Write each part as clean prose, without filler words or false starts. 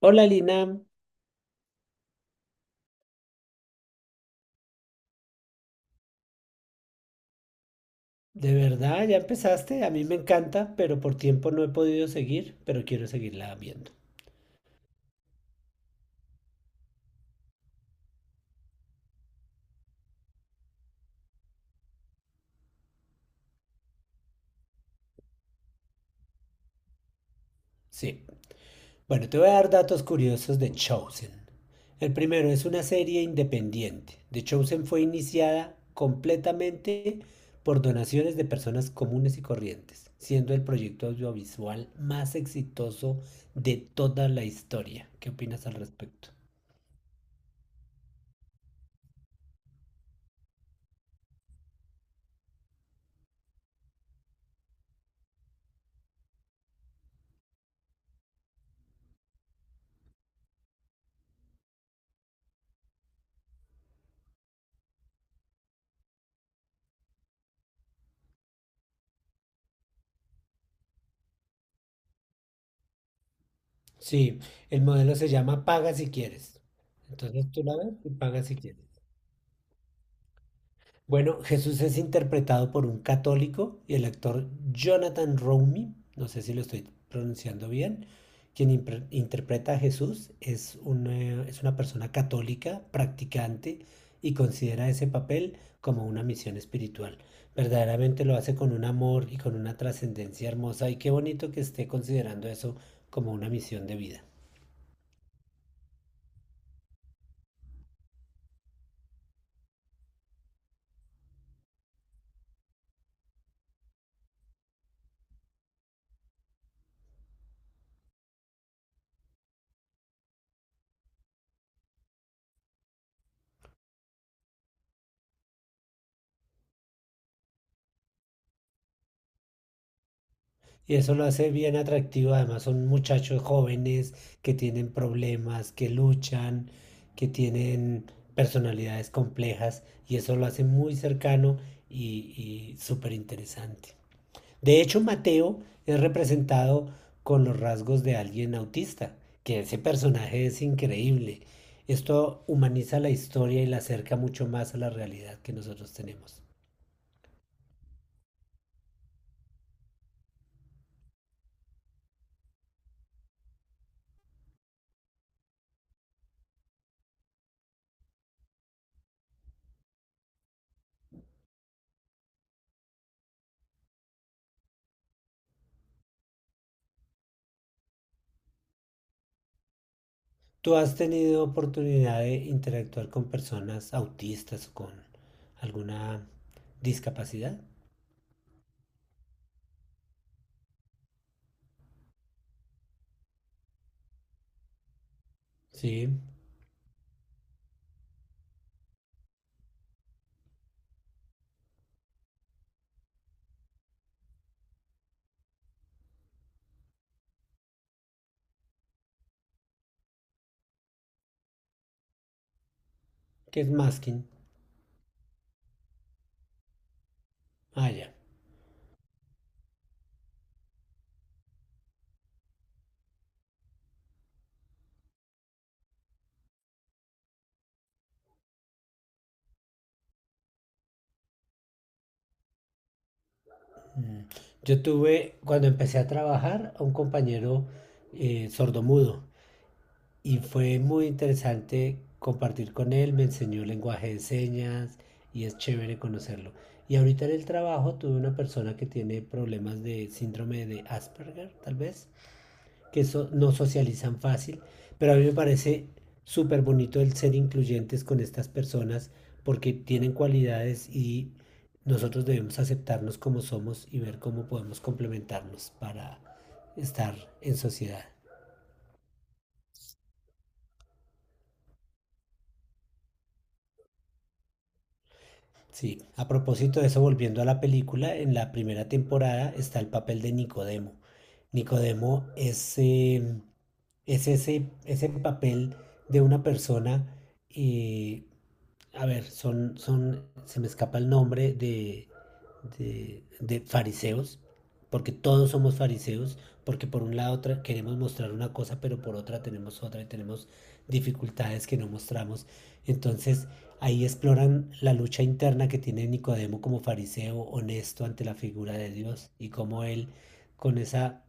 Hola Lina, de verdad ya empezaste, a mí me encanta, pero por tiempo no he podido seguir, pero quiero seguirla viendo. Sí. Bueno, te voy a dar datos curiosos de Chosen. El primero es una serie independiente. The Chosen fue iniciada completamente por donaciones de personas comunes y corrientes, siendo el proyecto audiovisual más exitoso de toda la historia. ¿Qué opinas al respecto? Sí, el modelo se llama Paga si quieres. Entonces tú la ves y pagas si quieres. Bueno, Jesús es interpretado por un católico y el actor Jonathan Romy, no sé si lo estoy pronunciando bien, quien interpreta a Jesús es una persona católica, practicante y considera ese papel como una misión espiritual. Verdaderamente lo hace con un amor y con una trascendencia hermosa y qué bonito que esté considerando eso como una misión de vida. Y eso lo hace bien atractivo. Además, son muchachos jóvenes que tienen problemas, que luchan, que tienen personalidades complejas. Y eso lo hace muy cercano y súper interesante. De hecho, Mateo es representado con los rasgos de alguien autista, que ese personaje es increíble. Esto humaniza la historia y la acerca mucho más a la realidad que nosotros tenemos. ¿Tú has tenido oportunidad de interactuar con personas autistas o con alguna discapacidad? Sí, ¿qué es masking? Ah, ya. Mm. Yo tuve, cuando empecé a trabajar, a un compañero sordomudo y fue muy interesante compartir con él, me enseñó lenguaje de señas y es chévere conocerlo. Y ahorita en el trabajo tuve una persona que tiene problemas de síndrome de Asperger, tal vez, que no socializan fácil, pero a mí me parece súper bonito el ser incluyentes con estas personas porque tienen cualidades y nosotros debemos aceptarnos como somos y ver cómo podemos complementarnos para estar en sociedad. Sí, a propósito de eso, volviendo a la película, en la primera temporada está el papel de Nicodemo. Nicodemo es ese papel de una persona, eh, a ver, se me escapa el nombre de, de fariseos, porque todos somos fariseos, porque por un lado queremos mostrar una cosa, pero por otra tenemos otra y tenemos dificultades que no mostramos. Entonces ahí exploran la lucha interna que tiene Nicodemo como fariseo honesto ante la figura de Dios y cómo él con esa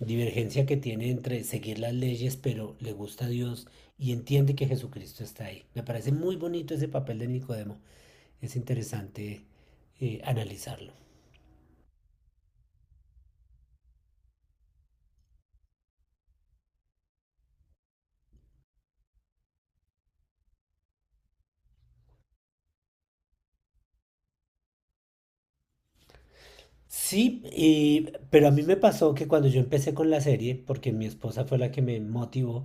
divergencia que tiene entre seguir las leyes, pero le gusta a Dios y entiende que Jesucristo está ahí. Me parece muy bonito ese papel de Nicodemo. Es interesante analizarlo. Sí, pero a mí me pasó que cuando yo empecé con la serie, porque mi esposa fue la que me motivó,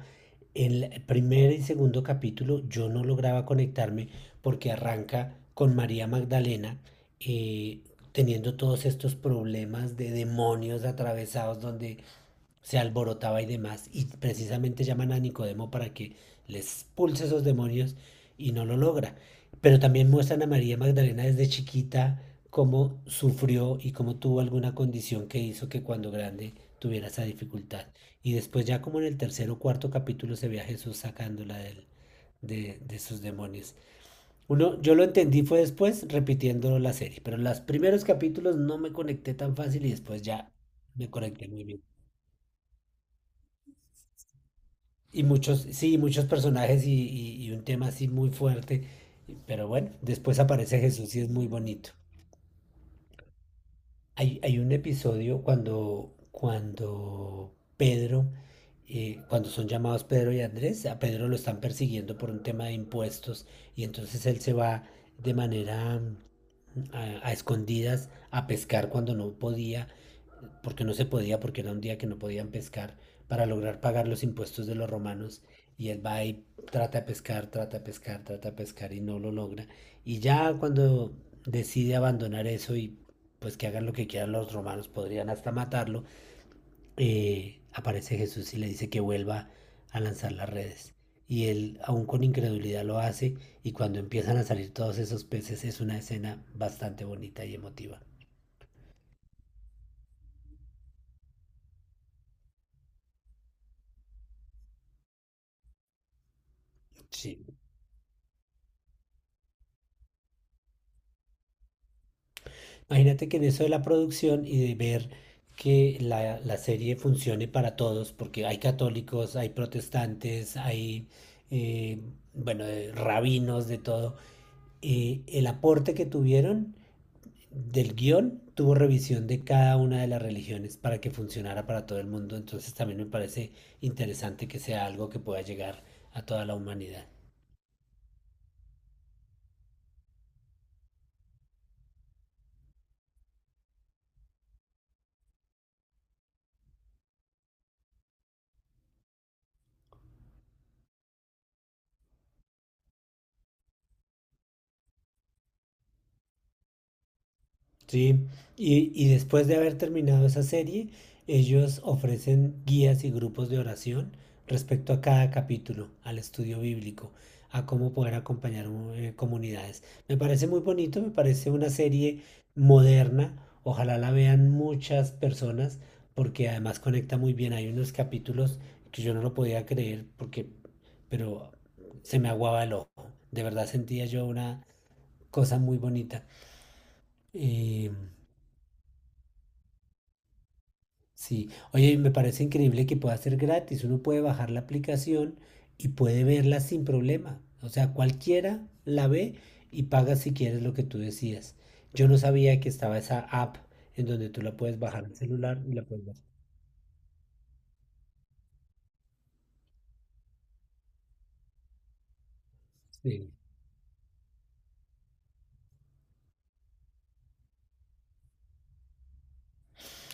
en el primer y segundo capítulo yo no lograba conectarme porque arranca con María Magdalena eh, teniendo todos estos problemas de demonios atravesados donde se alborotaba y demás, y precisamente llaman a Nicodemo para que les expulse esos demonios y no lo logra. Pero también muestran a María Magdalena desde chiquita cómo sufrió y cómo tuvo alguna condición que hizo que cuando grande tuviera esa dificultad. Y después ya como en el tercer o cuarto capítulo se ve a Jesús sacándola del, de sus demonios. Uno, yo lo entendí fue después repitiendo la serie, pero en los primeros capítulos no me conecté tan fácil y después ya me conecté muy bien. Y muchos, sí, muchos personajes y un tema así muy fuerte. Pero bueno, después aparece Jesús y es muy bonito. Hay un episodio cuando, cuando Pedro, cuando son llamados Pedro y Andrés, a Pedro lo están persiguiendo por un tema de impuestos y entonces él se va de manera a, escondidas a pescar cuando no podía porque no se podía, porque era un día que no podían pescar, para lograr pagar los impuestos de los romanos. Y él va y trata de pescar, trata de pescar, trata de pescar y no lo logra. Y ya cuando decide abandonar eso y pues que hagan lo que quieran los romanos, podrían hasta matarlo, aparece Jesús y le dice que vuelva a lanzar las redes. Y él, aún con incredulidad, lo hace y cuando empiezan a salir todos esos peces es una escena bastante bonita y emotiva. Sí, imagínate que en eso de la producción y de ver que la serie funcione para todos, porque hay católicos, hay protestantes, hay, eh, bueno, rabinos, de todo, el aporte que tuvieron del guión tuvo revisión de cada una de las religiones para que funcionara para todo el mundo, entonces también me parece interesante que sea algo que pueda llegar a toda la humanidad. Sí, y después de haber terminado esa serie, ellos ofrecen guías y grupos de oración respecto a cada capítulo, al estudio bíblico, a cómo poder acompañar comunidades. Me parece muy bonito, me parece una serie moderna, ojalá la vean muchas personas, porque además conecta muy bien. Hay unos capítulos que yo no lo podía creer, porque, pero se me aguaba el ojo. De verdad sentía yo una cosa muy bonita. Eh, Sí, oye, me parece increíble que pueda ser gratis. Uno puede bajar la aplicación y puede verla sin problema. O sea, cualquiera la ve y paga si quieres lo que tú decías. Yo no sabía que estaba esa app en donde tú la puedes bajar al celular y la puedes ver. Sí.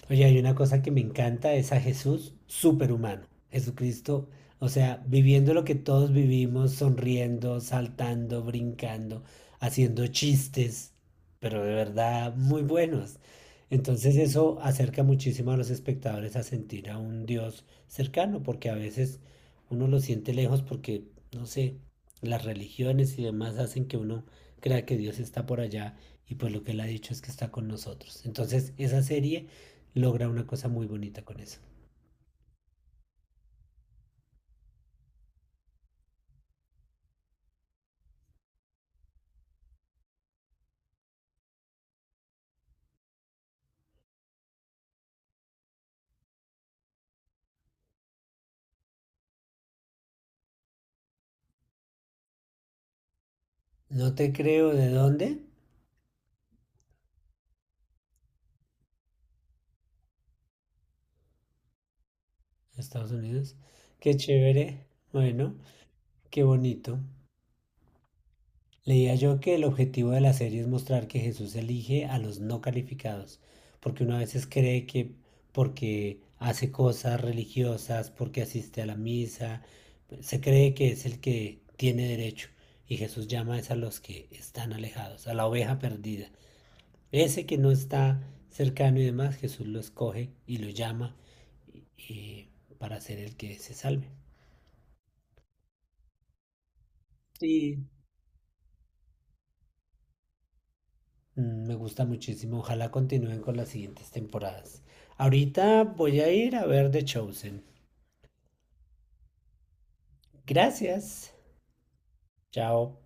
Oye, hay una cosa que me encanta, es a Jesús superhumano, Jesucristo, o sea, viviendo lo que todos vivimos, sonriendo, saltando, brincando, haciendo chistes, pero de verdad muy buenos. Entonces eso acerca muchísimo a los espectadores a sentir a un Dios cercano, porque a veces uno lo siente lejos porque, no sé, las religiones y demás hacen que uno crea que Dios está por allá y pues lo que él ha dicho es que está con nosotros. Entonces esa serie logra una cosa muy bonita con eso. No te creo de dónde. Estados Unidos. Qué chévere. Bueno, qué bonito. Leía yo que el objetivo de la serie es mostrar que Jesús elige a los no calificados, porque uno a veces cree que porque hace cosas religiosas, porque asiste a la misa, se cree que es el que tiene derecho. Y Jesús llama es a los que están alejados, a la oveja perdida. Ese que no está cercano y demás, Jesús lo escoge y lo llama eh, para ser el que se salve. Y mm, me gusta muchísimo. Ojalá continúen con las siguientes temporadas. Ahorita voy a ir a ver The Chosen. Gracias. Chao.